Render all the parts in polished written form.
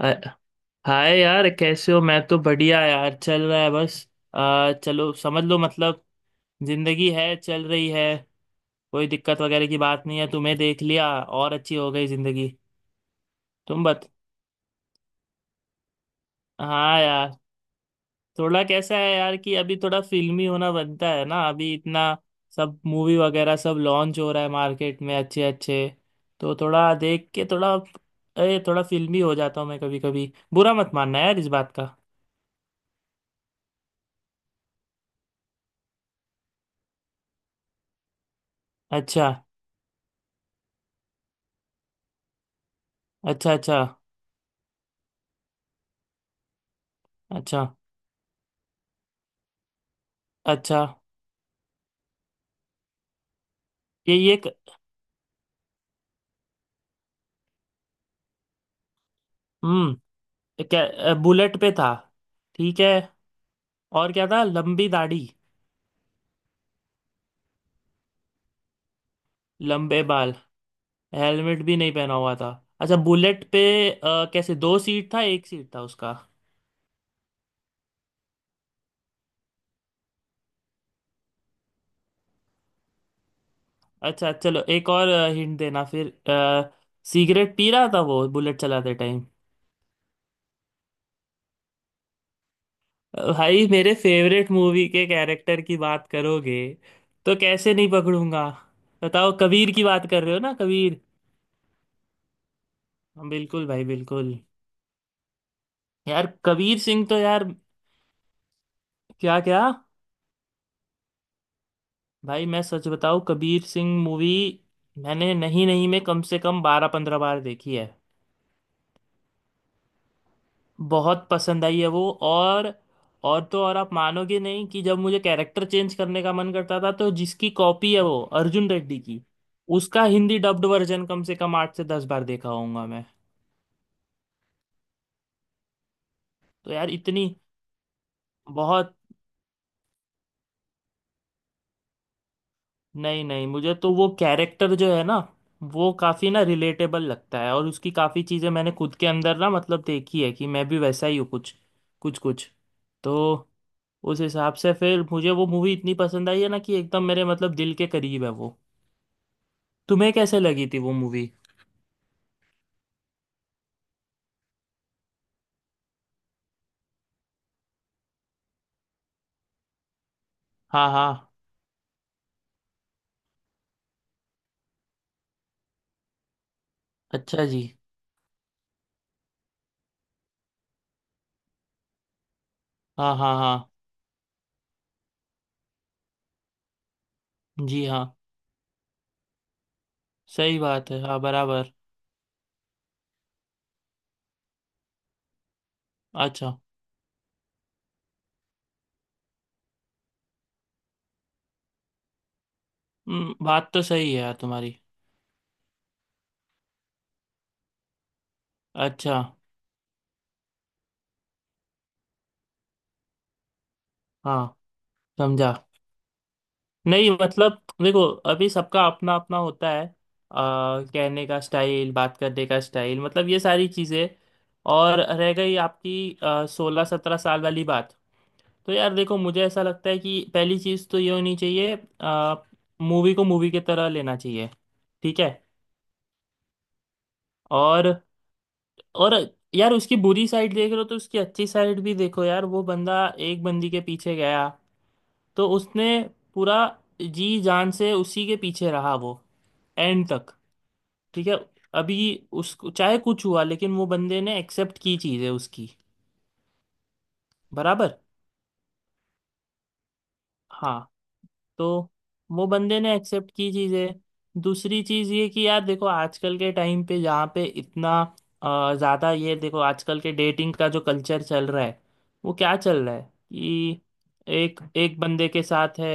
अ- hi यार, कैसे हो? मैं तो बढ़िया यार, चल रहा है बस। चलो समझ लो मतलब, जिंदगी है, चल रही है। कोई दिक्कत वगैरह की बात नहीं है। तुम्हें देख लिया और अच्छी हो गई जिंदगी। तुम बत हाँ यार, थोड़ा कैसा है यार कि अभी थोड़ा फिल्मी होना बनता है ना। अभी इतना सब मूवी वगैरह सब लॉन्च हो रहा है मार्केट में, अच्छे अच्छे। तो थोड़ा देख के थोड़ा, अरे थोड़ा फिल्मी हो जाता हूँ मैं कभी कभी। बुरा मत मानना यार इस बात का। अच्छा। अच्छा। अच्छा। अच्छा। अच्छा। ये हम्म। क्या बुलेट पे था? ठीक है। और क्या था, लंबी दाढ़ी? लंबे बाल। हेलमेट भी नहीं पहना हुआ था। अच्छा, बुलेट पे। कैसे, दो सीट था एक सीट था उसका? अच्छा, चलो एक और हिंट देना फिर। सिगरेट पी रहा था वो बुलेट चलाते टाइम? भाई मेरे फेवरेट मूवी के कैरेक्टर की बात करोगे, तो कैसे नहीं पकड़ूंगा? बताओ, कबीर की बात कर रहे हो ना? कबीर। हाँ, बिल्कुल भाई, बिल्कुल। यार कबीर सिंह तो यार, क्या क्या। भाई मैं सच बताऊं, कबीर सिंह मूवी मैंने नहीं नहीं में कम से कम 12 15 बार देखी है। बहुत पसंद आई है वो। और तो और, आप मानोगे नहीं कि जब मुझे कैरेक्टर चेंज करने का मन करता था, तो जिसकी कॉपी है वो अर्जुन रेड्डी की, उसका हिंदी डब्ड वर्जन कम से कम 8 से 10 बार देखा होऊंगा मैं। तो यार इतनी बहुत, नहीं नहीं मुझे तो वो कैरेक्टर जो है ना, वो काफी ना रिलेटेबल लगता है। और उसकी काफी चीजें मैंने खुद के अंदर ना, मतलब देखी है कि मैं भी वैसा ही हूँ, कुछ कुछ कुछ। तो उस हिसाब से फिर मुझे वो मूवी इतनी पसंद आई है ना कि एकदम मेरे मतलब दिल के करीब है वो। तुम्हें कैसे लगी थी वो मूवी? हाँ हाँ। अच्छा जी। हाँ हाँ हाँ। जी हाँ। सही बात है, हाँ बराबर। अच्छा। बात तो सही है यार तुम्हारी। अच्छा। हाँ। समझा। नहीं मतलब देखो, अभी सबका अपना अपना होता है। कहने का स्टाइल, बात करने का स्टाइल, मतलब ये सारी चीज़ें। और रह गई आपकी 16 17 साल वाली बात, तो यार देखो, मुझे ऐसा लगता है कि पहली चीज़ तो ये होनी चाहिए, मूवी को मूवी की तरह लेना चाहिए। ठीक है। और और यार, उसकी बुरी साइड देख रहे हो तो उसकी अच्छी साइड भी देखो यार। वो बंदा एक बंदी के पीछे गया, तो उसने पूरा जी जान से उसी के पीछे रहा वो, एंड तक। ठीक है। अभी उसको चाहे कुछ हुआ, लेकिन वो बंदे ने एक्सेप्ट की चीज़ें उसकी। बराबर। हाँ। तो वो बंदे ने एक्सेप्ट की चीज़ें। दूसरी चीज़ ये कि यार देखो, आजकल के टाइम पे जहाँ पे इतना ज़्यादा, ये देखो आजकल के डेटिंग का जो कल्चर चल रहा है, वो क्या चल रहा है कि एक एक बंदे के साथ है,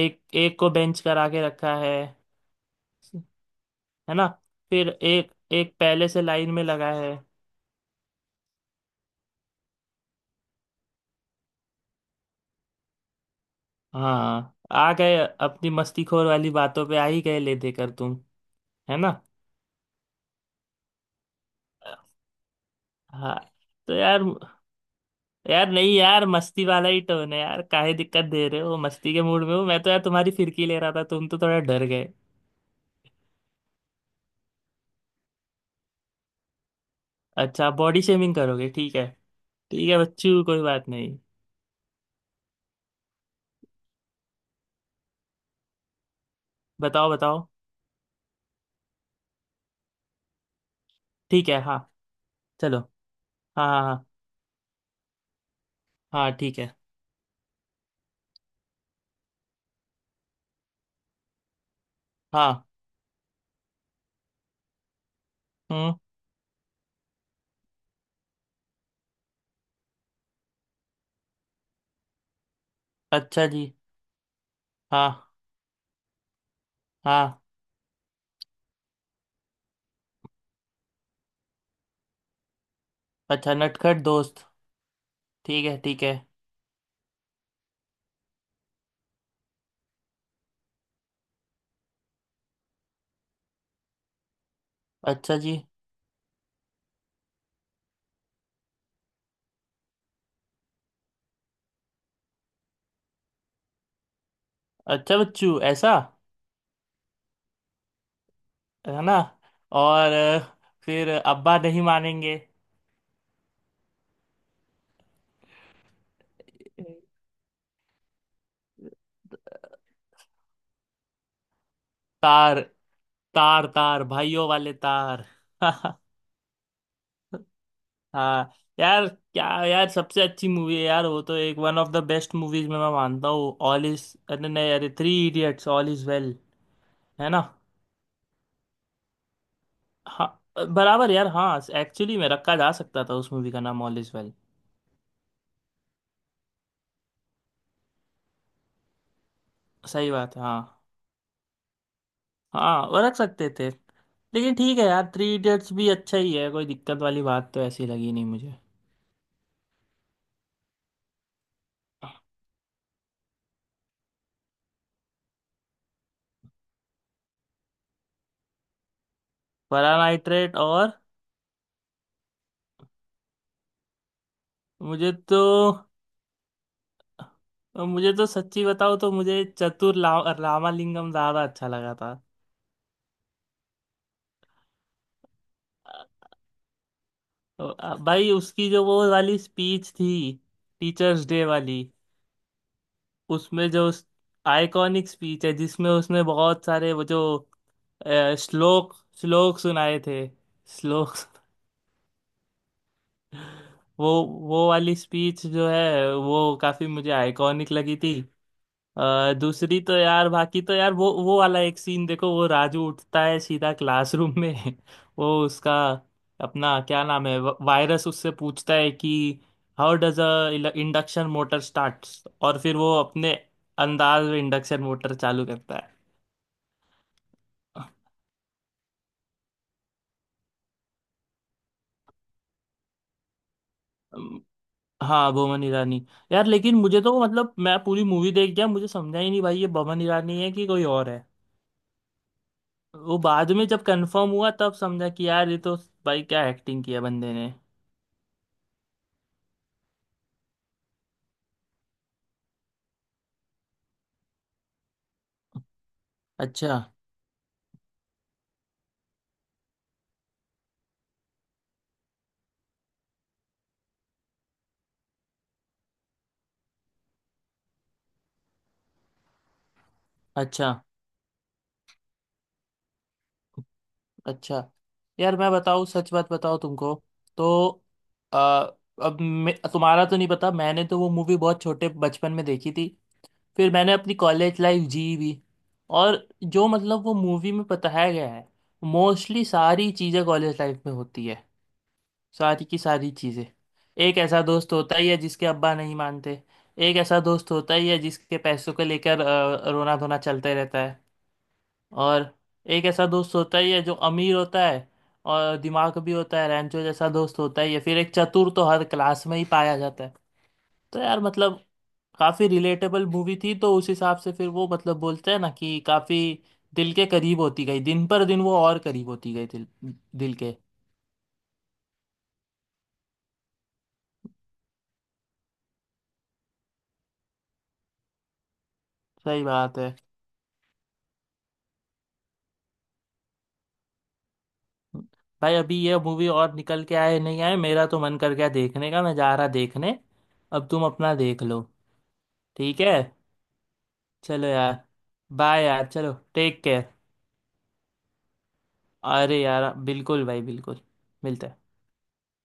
एक एक को बेंच करा के रखा है ना? फिर एक एक पहले से लाइन में लगा है। हाँ, आ गए अपनी मस्तीखोर वाली बातों पे आ ही गए ले देकर तुम। है ना? हाँ। तो यार, यार नहीं यार, मस्ती वाला ही टोन है यार, काहे दिक्कत दे रहे हो? मस्ती के मूड में हो, मैं तो यार तुम्हारी फिरकी ले रहा था, तुम तो थोड़ा डर गए। अच्छा, बॉडी शेमिंग करोगे? ठीक है, ठीक है बच्चू, कोई बात नहीं। बताओ बताओ। ठीक है, हाँ। चलो। हाँ हाँ हाँ। हाँ ठीक है। हाँ। हम्म। अच्छा जी। हाँ। हाँ। अच्छा, नटखट दोस्त। ठीक है, ठीक है। अच्छा जी। अच्छा, बच्चू ऐसा? है ना? और फिर अब्बा नहीं मानेंगे? तार, तार तार भाइयों वाले तार। हाँ। यार क्या यार, सबसे अच्छी मूवी है यार वो तो, एक one of the best movies में मैं मानता हूँ। ऑल इज, अरे नहीं, अरे Three Idiots, all is well. है ना? हाँ। बराबर यार, हाँ एक्चुअली में रखा जा सकता था उस मूवी का नाम ऑल इज वेल। सही बात है, हाँ। हाँ वो रख सकते थे, लेकिन ठीक है यार, थ्री इडियट्स भी अच्छा ही है, कोई दिक्कत वाली बात तो ऐसी लगी नहीं मुझे। परानाइट्रेट और, मुझे तो मुझे तो सच्ची बताओ तो, मुझे चतुर रामालिंगम ज्यादा अच्छा लगा था। तो, भाई उसकी जो वो वाली स्पीच थी, टीचर्स डे वाली, उसमें जो आइकॉनिक स्पीच है जिसमें उसने बहुत सारे वो जो श्लोक, श्लोक सुनाए थे, श्लोक, वो वो वाली स्पीच जो है वो काफी मुझे आइकॉनिक लगी थी। दूसरी तो यार, बाकी तो यार वो वाला एक सीन देखो, वो राजू उठता है सीधा क्लासरूम में, वो उसका अपना क्या नाम है, वायरस उससे पूछता है कि how does a induction motor start, और फिर वो अपने अंदाज में इंडक्शन मोटर चालू करता है। अम, हाँ, बोमन ईरानी। यार लेकिन मुझे तो मतलब मैं पूरी मूवी देख गया, मुझे समझा ही नहीं भाई ये बोमन ईरानी है कि कोई और है। वो बाद में जब कंफर्म हुआ तब समझा कि यार ये तो, भाई क्या एक्टिंग किया बंदे ने। अच्छा। अच्छा। अच्छा। यार मैं बताऊँ सच बात बताऊँ तुमको, तो अ, अब मैं तुम्हारा तो नहीं पता, मैंने तो वो मूवी बहुत छोटे बचपन में देखी थी, फिर मैंने अपनी कॉलेज लाइफ जी भी, और जो मतलब वो मूवी में बताया गया है, मोस्टली सारी चीज़ें कॉलेज लाइफ में होती है, सारी की सारी चीजें। एक ऐसा दोस्त होता ही है जिसके अब्बा नहीं मानते। एक ऐसा दोस्त होता ही है जिसके पैसों को लेकर रोना धोना चलते रहता है। और एक ऐसा दोस्त होता ही है जो अमीर होता है और दिमाग भी होता है, रैंचो जैसा दोस्त होता ही है। फिर एक चतुर तो हर क्लास में ही पाया जाता है। तो यार मतलब काफी रिलेटेबल मूवी थी, तो उस हिसाब से फिर वो मतलब बोलते हैं ना कि काफी दिल के करीब होती गई, दिन पर दिन वो और करीब होती गई दिल, दिल के। सही बात है। भाई अभी ये मूवी और निकल के आए नहीं आए, मेरा तो मन कर गया देखने का, मैं जा रहा देखने। अब तुम अपना देख लो। ठीक है। चलो यार, बाय यार, चलो टेक केयर। अरे यार बिल्कुल भाई, बिल्कुल। मिलते हैं।